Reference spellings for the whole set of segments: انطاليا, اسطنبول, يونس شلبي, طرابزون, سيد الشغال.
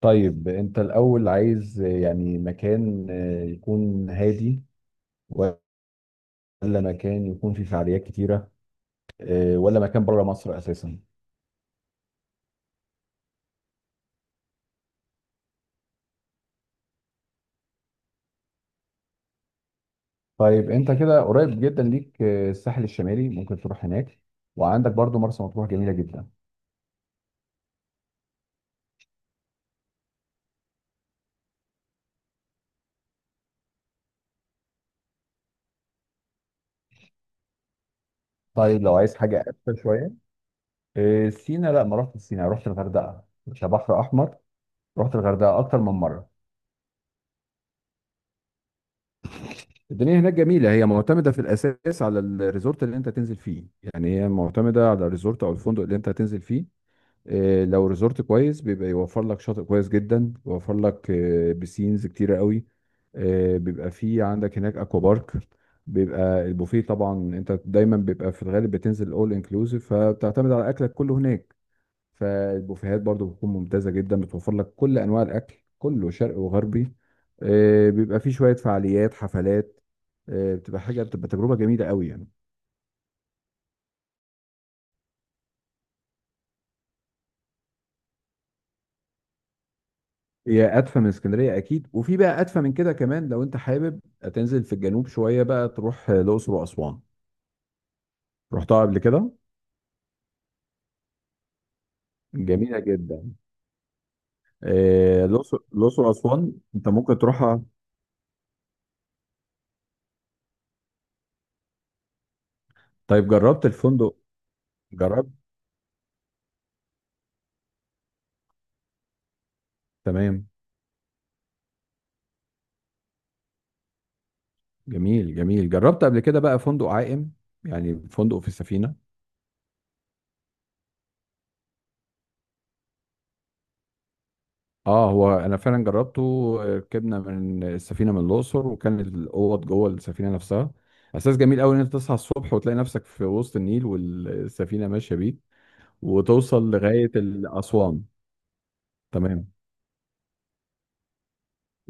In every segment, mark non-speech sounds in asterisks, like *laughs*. طيب انت الاول عايز، يعني مكان يكون هادي، ولا مكان يكون فيه فعاليات كتيرة، ولا مكان بره مصر اساسا؟ طيب انت كده قريب جدا ليك، الساحل الشمالي ممكن تروح هناك. وعندك برضو مرسى مطروح جميلة جدا. طيب لو عايز حاجة أكتر شوية. سينا، لا ما رحتش سينا، رحت الغردقة كبحر أحمر. رحت الغردقة أكتر من مرة. الدنيا هناك جميلة، هي معتمدة في الأساس على الريزورت اللي أنت تنزل فيه. يعني هي معتمدة على الريزورت أو الفندق اللي أنت هتنزل فيه. لو ريزورت كويس بيبقى يوفر لك شاطئ كويس جدا، يوفر لك بسينز كتيرة قوي. بيبقى في عندك هناك اكوا بارك. بيبقى البوفيه طبعا. انت دايما بيبقى في الغالب بتنزل اول انكلوسيف، فبتعتمد على اكلك كله هناك. فالبوفيهات برضو بتكون ممتازة جدا، بتوفر لك كل انواع الاكل كله شرقي وغربي. بيبقى في شوية فعاليات حفلات. بتبقى حاجة، بتبقى تجربة جميلة قوي يعني. هي ادفى من اسكندريه اكيد، وفي بقى ادفى من كده كمان. لو انت حابب تنزل في الجنوب شويه بقى تروح الاقصر واسوان. رحتها قبل كده؟ جميله جدا. الاقصر واسوان انت ممكن تروحها. طيب جربت الفندق؟ جربت؟ تمام. جميل جميل. جربت قبل كده بقى فندق عائم، يعني فندق في السفينه؟ اه، هو انا فعلا جربته. ركبنا من السفينه من الاقصر، وكان الاوض جوه السفينه نفسها. احساس جميل قوي ان انت تصحى الصبح وتلاقي نفسك في وسط النيل والسفينه ماشيه بيك، وتوصل لغاية أسوان. تمام.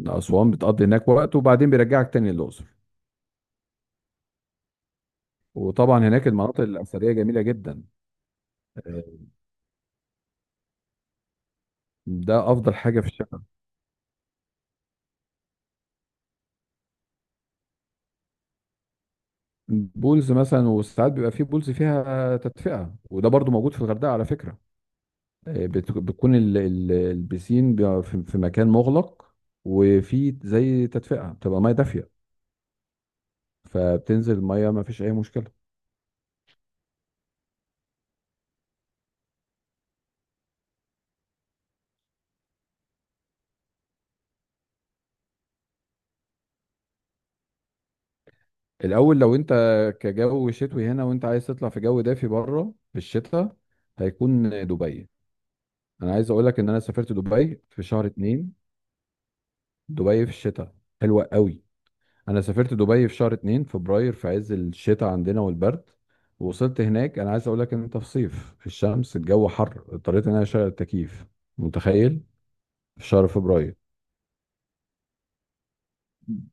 أسوان بتقضي هناك وقت، وبعدين بيرجعك تاني الأقصر. وطبعا هناك المناطق الأثرية جميلة جدا. آه، ده أفضل حاجة في الشتاء. بولز مثلا، وساعات بيبقى فيه بولز فيها تدفئة، وده برضو موجود في الغردقة على فكرة. بتكون البسين بيبقى في مكان مغلق، وفي زي تدفئة بتبقى مية دافية، فبتنزل مية ما فيش أي مشكلة. الاول لو انت كجو شتوي هنا وانت عايز تطلع في جو دافي بره في الشتاء، هيكون دبي. انا عايز اقول لك ان انا سافرت دبي في شهر اتنين. دبي في الشتاء حلوة قوي. انا سافرت دبي في شهر اتنين فبراير، في عز الشتاء عندنا والبرد. ووصلت هناك، انا عايز اقول لك ان انت في صيف، في الشمس الجو حر، اضطريت ان انا اشغل التكييف. متخيل؟ في شهر فبراير.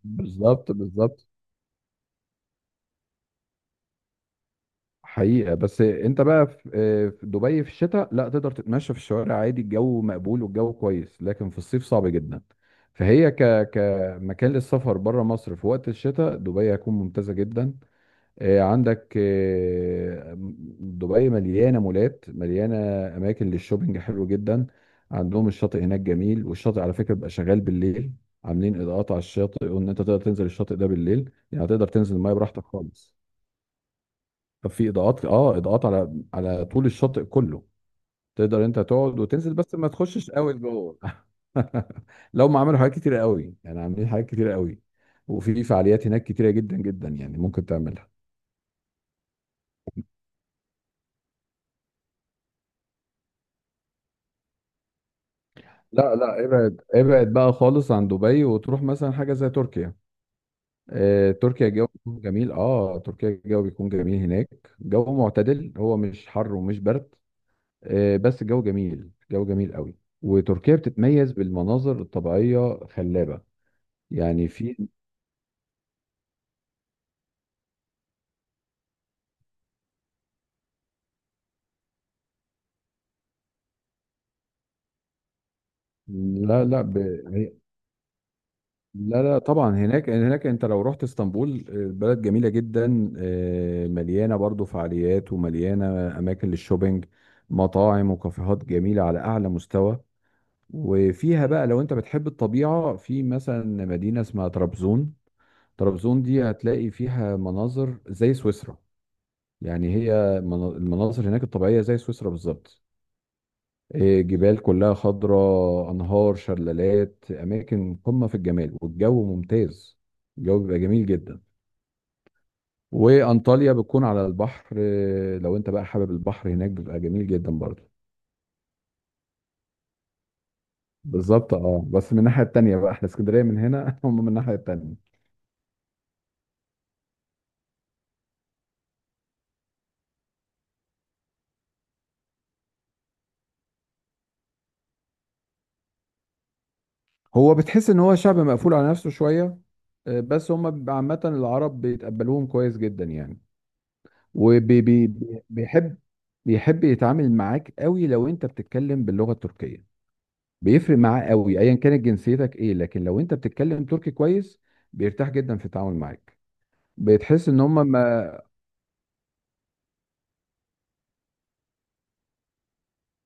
بالظبط بالظبط. حقيقة بس انت بقى في دبي في الشتاء، لا تقدر تتمشى في الشوارع عادي. الجو مقبول والجو كويس، لكن في الصيف صعب جدا. فهي كمكان للسفر بره مصر في وقت الشتاء، دبي هتكون ممتازة جدا. عندك، دبي مليانة مولات، مليانة أماكن للشوبينج حلو جدا. عندهم الشاطئ هناك جميل، والشاطئ على فكرة بيبقى شغال بالليل. عاملين إضاءات على الشاطئ، وإن أنت تقدر تنزل الشاطئ ده بالليل، يعني تقدر تنزل المية براحتك خالص. طب في اضاءات، اضاءات على طول الشاطئ كله. تقدر انت تقعد وتنزل، بس ما تخشش قوي لجوه. *laughs* لو ما عملوا حاجات كتيره قوي يعني، عاملين حاجات كتيره قوي. وفي فعاليات هناك كتيره جدا جدا يعني، ممكن تعملها. لا لا، ابعد ابعد بقى خالص عن دبي، وتروح مثلا حاجه زي تركيا. آه، تركيا الجو بيكون جميل اه تركيا الجو بيكون جميل هناك. جو معتدل، هو مش حر ومش برد. بس الجو جميل قوي. وتركيا بتتميز بالمناظر الطبيعيه خلابه. يعني في، لا لا، هي- لا لا طبعا، هناك انت لو رحت اسطنبول، بلد جميله جدا، مليانه برضو فعاليات ومليانه اماكن للشوبينج، مطاعم وكافيهات جميله على اعلى مستوى. وفيها بقى لو انت بتحب الطبيعه، في مثلا مدينه اسمها طرابزون. طرابزون دي هتلاقي فيها مناظر زي سويسرا. يعني هي المناظر هناك الطبيعيه زي سويسرا بالظبط. إيه، جبال كلها خضراء، انهار، شلالات، اماكن قمه في الجمال، والجو ممتاز. الجو بيبقى جميل جدا. وانطاليا بتكون على البحر. إيه، لو انت بقى حابب البحر هناك بيبقى جميل جدا برضه. بالظبط. اه، بس من الناحيه التانيه بقى احنا اسكندريه من هنا، *laughs* هم من الناحيه التانيه. هو بتحس ان هو شعب مقفول على نفسه شويه. بس هم بيبقى، عامه العرب بيتقبلوهم كويس جدا يعني. وبيحب بيحب بيحب يتعامل معاك قوي لو انت بتتكلم باللغه التركيه. بيفرق معاه قوي ايا كانت جنسيتك ايه، لكن لو انت بتتكلم تركي كويس بيرتاح جدا في التعامل معاك. بتحس ان هم ما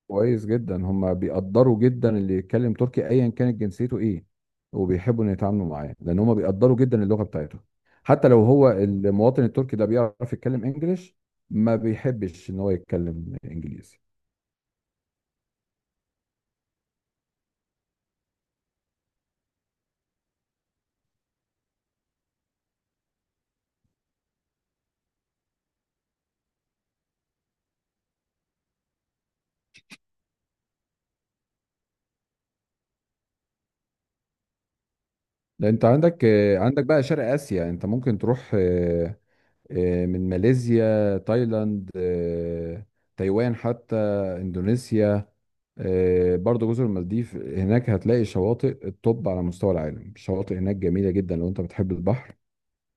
كويس جدا، هم بيقدروا جدا اللي يتكلم تركي ايا كانت جنسيته ايه. وبيحبوا ان يتعاملوا معاه، لان هم بيقدروا جدا اللغة بتاعته. حتى لو هو المواطن التركي ده بيعرف يتكلم انجليش، ما بيحبش ان هو يتكلم انجليزي. ده انت عندك، عندك بقى شرق اسيا انت ممكن تروح، من ماليزيا، تايلاند، تايوان حتى، اندونيسيا. برضو جزر المالديف، هناك هتلاقي شواطئ التوب على مستوى العالم، الشواطئ هناك جميلة جدا لو انت بتحب البحر.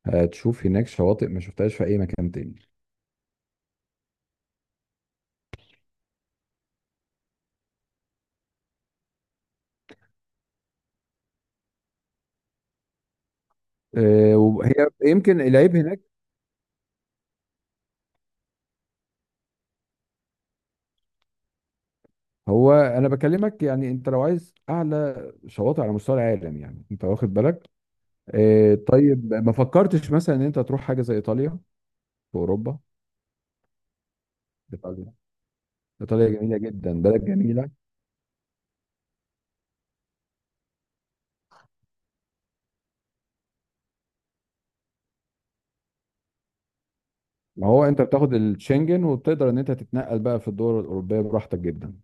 هتشوف هناك شواطئ ما شفتهاش في اي مكان تاني. وهي يمكن العيب هناك. هو انا بكلمك يعني، انت لو عايز اعلى شواطئ على مستوى العالم يعني، انت واخد بالك. طيب ما فكرتش مثلا ان انت تروح حاجة زي ايطاليا في اوروبا؟ ايطاليا جميله جدا، بلد جميله. ما هو انت بتاخد الشنجن، وبتقدر ان انت تتنقل بقى في الدول الاوروبيه براحتك جدا.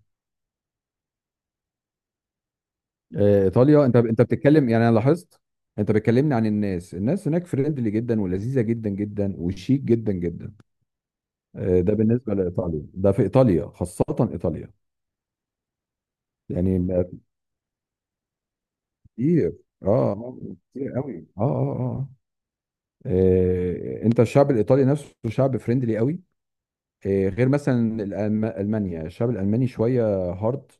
ايطاليا، انت بتتكلم يعني انا لاحظت، انت بتكلمني عن الناس هناك فريندلي جدا، ولذيذه جدا جدا، وشيك جدا جدا. ده بالنسبه لايطاليا، ده في ايطاليا، خاصه ايطاليا. يعني كتير. اه، كتير قوي. اه اه اه. انت الشعب الايطالي نفسه شعب فريندلي قوي. إيه، غير مثلا المانيا، الشعب الالماني شويه هارد،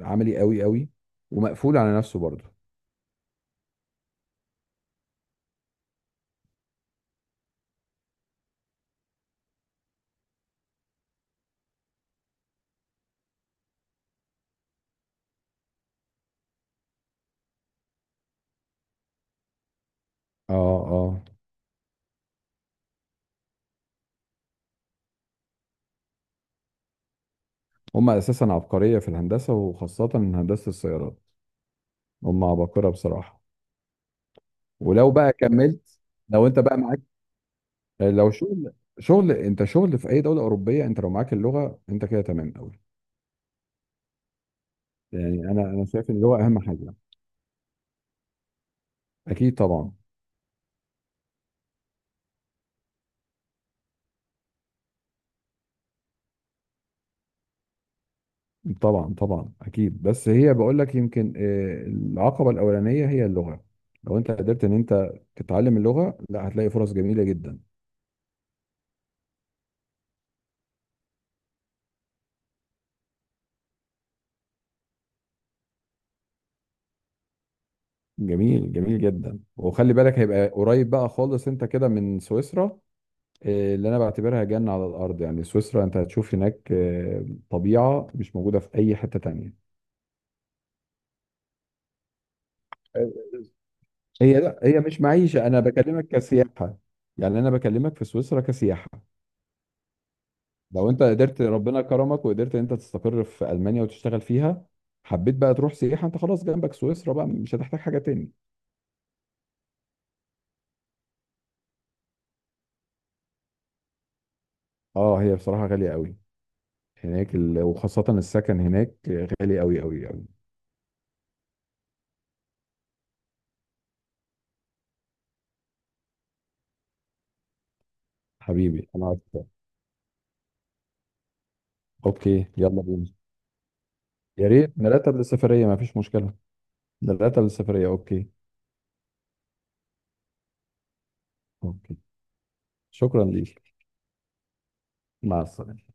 عملي قوي قوي، ومقفول على نفسه برضه. اه اه. هم اساسا عبقريه في الهندسه، وخاصه هندسه السيارات. هم عباقره بصراحه. ولو بقى كملت. لو انت بقى معاك. لو شغل. شغل انت، شغل في اي دوله اوروبيه، انت لو معاك اللغه انت كده تمام قوي. يعني انا شايف ان اللغه اهم حاجه. اكيد طبعا. طبعا طبعا اكيد، بس هي بقول لك يمكن، العقبه الاولانيه هي اللغه. لو انت قدرت ان انت تتعلم اللغه، لا هتلاقي فرص جميله جدا. جميل. جميل جدا. وخلي بالك هيبقى قريب بقى خالص انت كده من سويسرا، اللي انا بعتبرها جنه على الارض يعني. سويسرا انت هتشوف هناك طبيعه مش موجوده في اي حته تانية. هي، لا، هي مش معيشه، انا بكلمك كسياحه. يعني انا بكلمك في سويسرا كسياحه. لو انت قدرت ربنا كرمك، وقدرت ان انت تستقر في المانيا وتشتغل فيها، حبيت بقى تروح سياحه انت خلاص جنبك سويسرا بقى، مش هتحتاج حاجه تاني. اه، هي بصراحه غاليه قوي هناك. وخاصه السكن هناك غالي قوي قوي قوي. حبيبي انا عارف. اوكي، يلا بينا. يا ريت نرتب للسفريه ما فيش مشكله. نرتب للسفريه. اوكي. اوكي. شكرا ليك. مع السلامه.